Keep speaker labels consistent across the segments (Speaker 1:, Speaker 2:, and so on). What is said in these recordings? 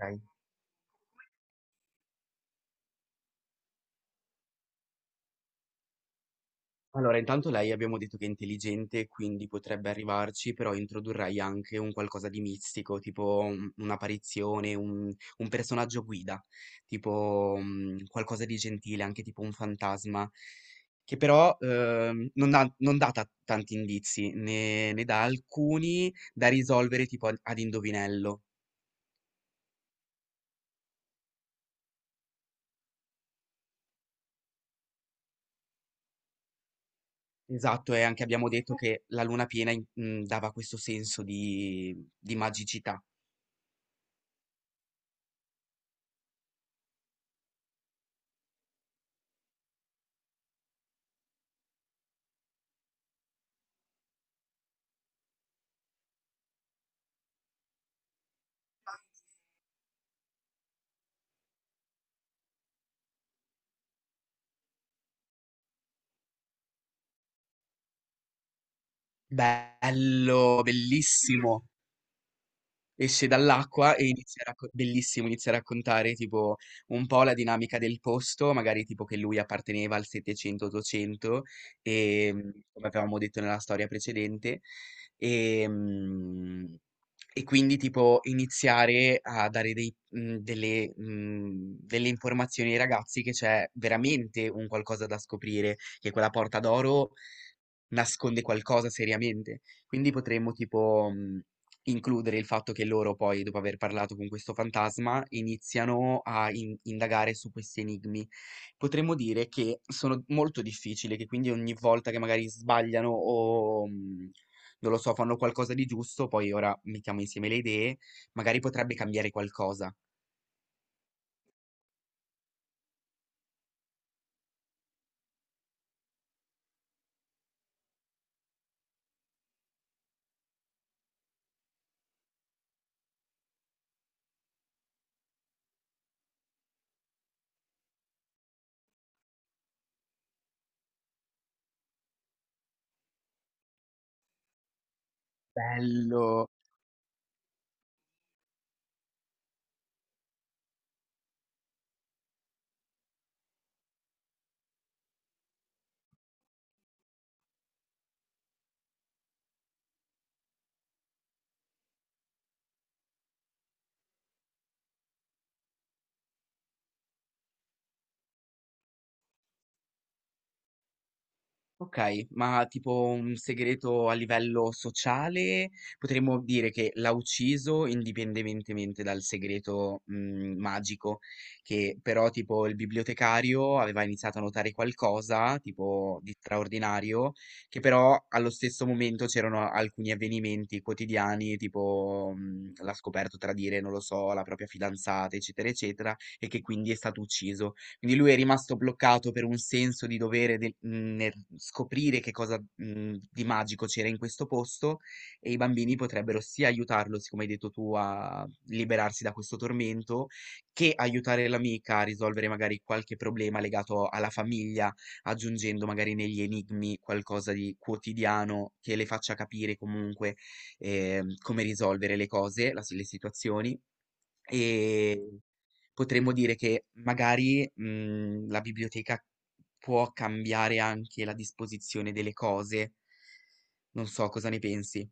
Speaker 1: Okay. Allora intanto lei abbiamo detto che è intelligente, quindi potrebbe arrivarci, però introdurrei anche un qualcosa di mistico, tipo un'apparizione, un personaggio guida, tipo, qualcosa di gentile, anche tipo un fantasma, che però, non dà ta tanti indizi, ne dà alcuni da risolvere tipo ad indovinello. Esatto, e anche abbiamo detto che la luna piena in dava questo senso di magicità. Bello, bellissimo. Esce dall'acqua e inizia a bellissimo, inizia a raccontare tipo un po' la dinamica del posto, magari tipo che lui apparteneva al 700-800 e come avevamo detto nella storia precedente e, mm, e quindi tipo iniziare a dare delle informazioni ai ragazzi che c'è veramente un qualcosa da scoprire, che quella porta d'oro nasconde qualcosa seriamente. Quindi potremmo tipo includere il fatto che loro poi, dopo aver parlato con questo fantasma, iniziano a indagare su questi enigmi. Potremmo dire che sono molto difficili, che quindi ogni volta che magari sbagliano o non lo so, fanno qualcosa di giusto, poi ora mettiamo insieme le idee, magari potrebbe cambiare qualcosa. Bello. Okay, ma tipo un segreto a livello sociale, potremmo dire che l'ha ucciso indipendentemente dal segreto, magico, che però tipo il bibliotecario aveva iniziato a notare qualcosa, tipo di straordinario, che però allo stesso momento c'erano alcuni avvenimenti quotidiani, tipo, l'ha scoperto tradire, non lo so, la propria fidanzata, eccetera, eccetera, e che quindi è stato ucciso. Quindi lui è rimasto bloccato per un senso di dovere del nel scoprire che cosa, di magico c'era in questo posto e i bambini potrebbero sia aiutarlo, siccome hai detto tu, a liberarsi da questo tormento, che aiutare l'amica a risolvere magari qualche problema legato alla famiglia, aggiungendo magari negli enigmi qualcosa di quotidiano che le faccia capire comunque, come risolvere le cose, la si le situazioni. Ehm Potremmo dire che magari, la biblioteca può cambiare anche la disposizione delle cose. Non so, cosa ne pensi?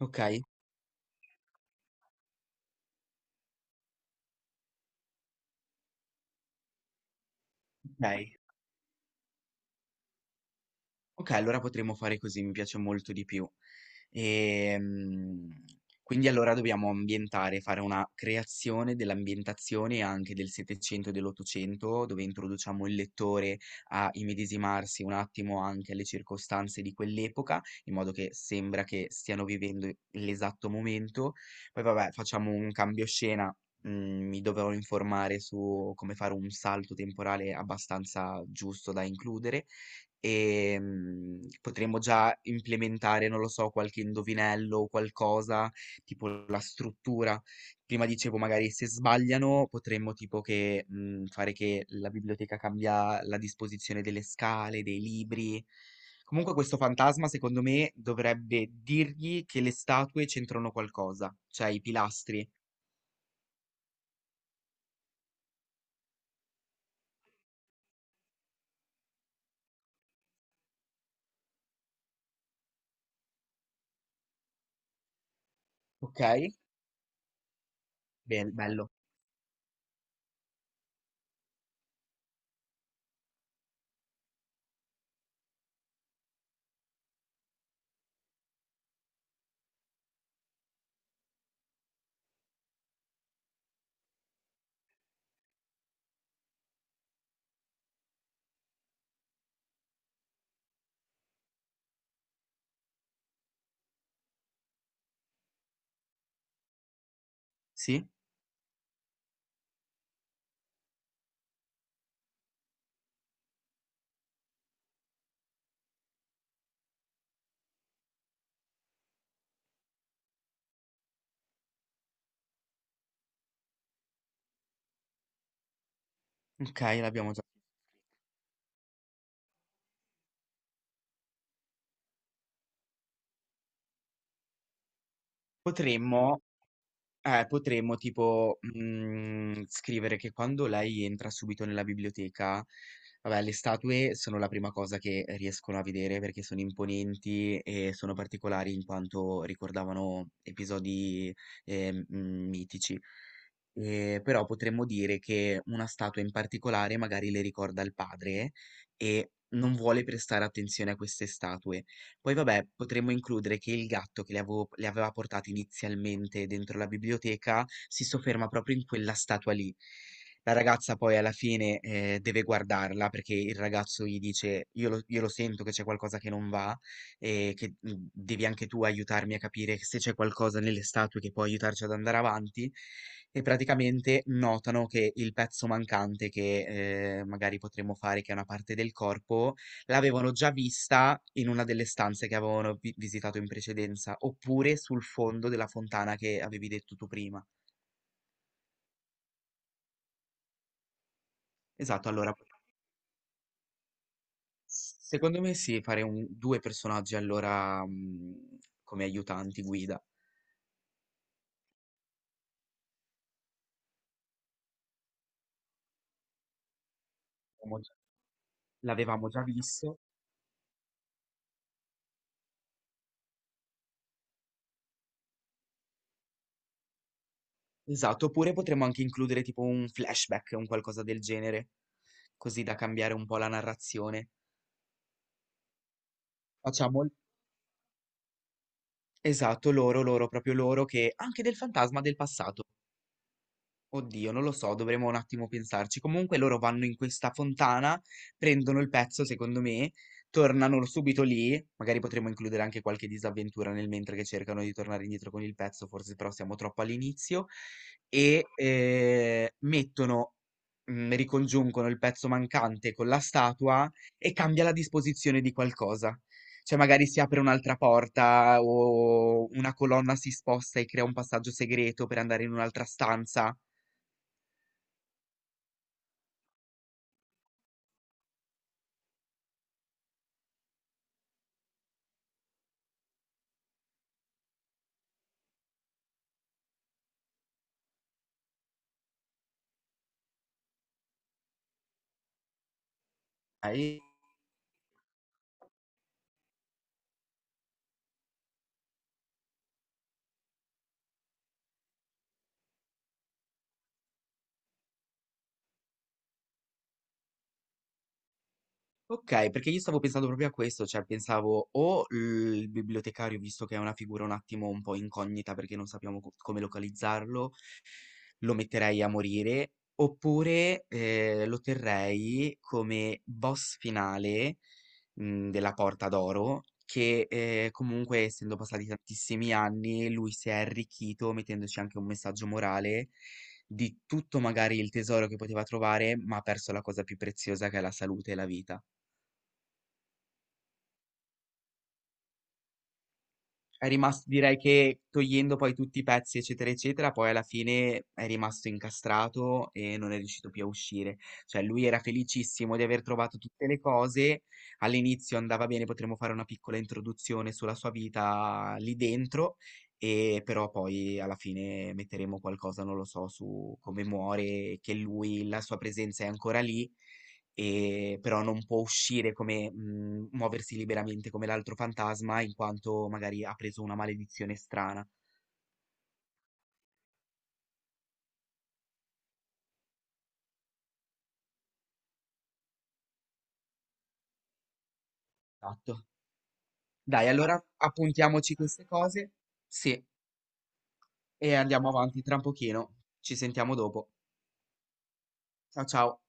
Speaker 1: Okay, okay. Okay, allora potremmo fare così, mi piace molto di più. Ehm, quindi allora dobbiamo ambientare, fare una creazione dell'ambientazione anche del '700 e dell'Ottocento, dove introduciamo il lettore a immedesimarsi un attimo anche alle circostanze di quell'epoca, in modo che sembra che stiano vivendo l'esatto momento. Poi vabbè, facciamo un cambio scena, mi dovrò informare su come fare un salto temporale abbastanza giusto da includere. Potremmo già implementare, non lo so, qualche indovinello o qualcosa, tipo la struttura. Prima dicevo magari se sbagliano potremmo tipo che, fare che la biblioteca cambia la disposizione delle scale, dei libri. Comunque questo fantasma secondo me dovrebbe dirgli che le statue c'entrano qualcosa, cioè i pilastri. Okay? Bello. Sì? Okay, l'abbiamo già. Potremmo potremmo tipo, scrivere che quando lei entra subito nella biblioteca, vabbè, le statue sono la prima cosa che riescono a vedere perché sono imponenti e sono particolari in quanto ricordavano episodi, mitici. Però potremmo dire che una statua in particolare magari le ricorda il padre e non vuole prestare attenzione a queste statue. Poi vabbè, potremmo includere che il gatto che le aveva portate inizialmente dentro la biblioteca, si sofferma proprio in quella statua lì. La ragazza poi alla fine, deve guardarla perché il ragazzo gli dice: "Io lo sento che c'è qualcosa che non va e che, devi anche tu aiutarmi a capire se c'è qualcosa nelle statue che può aiutarci ad andare avanti." E praticamente notano che il pezzo mancante, che, magari potremmo fare che è una parte del corpo, l'avevano già vista in una delle stanze che avevano visitato in precedenza, oppure sul fondo della fontana che avevi detto tu prima. Esatto, allora, secondo me sì, fare due personaggi allora come aiutanti guida. Abbiamo già- L'avevamo già visto. Esatto, oppure potremmo anche includere tipo un flashback, un qualcosa del genere, così da cambiare un po' la narrazione. Facciamo. Esatto, loro, proprio loro, che anche del fantasma del passato. Oddio, non lo so, dovremmo un attimo pensarci. Comunque loro vanno in questa fontana, prendono il pezzo, secondo me, tornano subito lì. Magari potremmo includere anche qualche disavventura nel mentre che cercano di tornare indietro con il pezzo, forse però siamo troppo all'inizio. E mettono, ricongiungono il pezzo mancante con la statua e cambia la disposizione di qualcosa. Cioè, magari si apre un'altra porta o una colonna si sposta e crea un passaggio segreto per andare in un'altra stanza. Okay. Okay, perché io stavo pensando proprio a questo, cioè pensavo o il bibliotecario, visto che è una figura un attimo un po' incognita perché non sappiamo co come localizzarlo, lo metterei a morire, oppure, lo terrei come boss finale, della Porta d'Oro che, comunque essendo passati tantissimi anni, lui si è arricchito mettendoci anche un messaggio morale di tutto magari il tesoro che poteva trovare, ma ha perso la cosa più preziosa che è la salute e la vita. È rimasto direi che togliendo poi tutti i pezzi, eccetera, eccetera, poi alla fine è rimasto incastrato e non è riuscito più a uscire. Cioè lui era felicissimo di aver trovato tutte le cose, all'inizio andava bene, potremmo fare una piccola introduzione sulla sua vita lì dentro, e però poi alla fine metteremo qualcosa, non lo so, su come muore, che lui, la sua presenza è ancora lì, però non può uscire come muoversi liberamente come l'altro fantasma, in quanto magari ha preso una maledizione strana. Esatto. Dai, allora appuntiamoci queste cose, sì, e andiamo avanti tra un pochino. Ci sentiamo dopo. Ciao, ciao.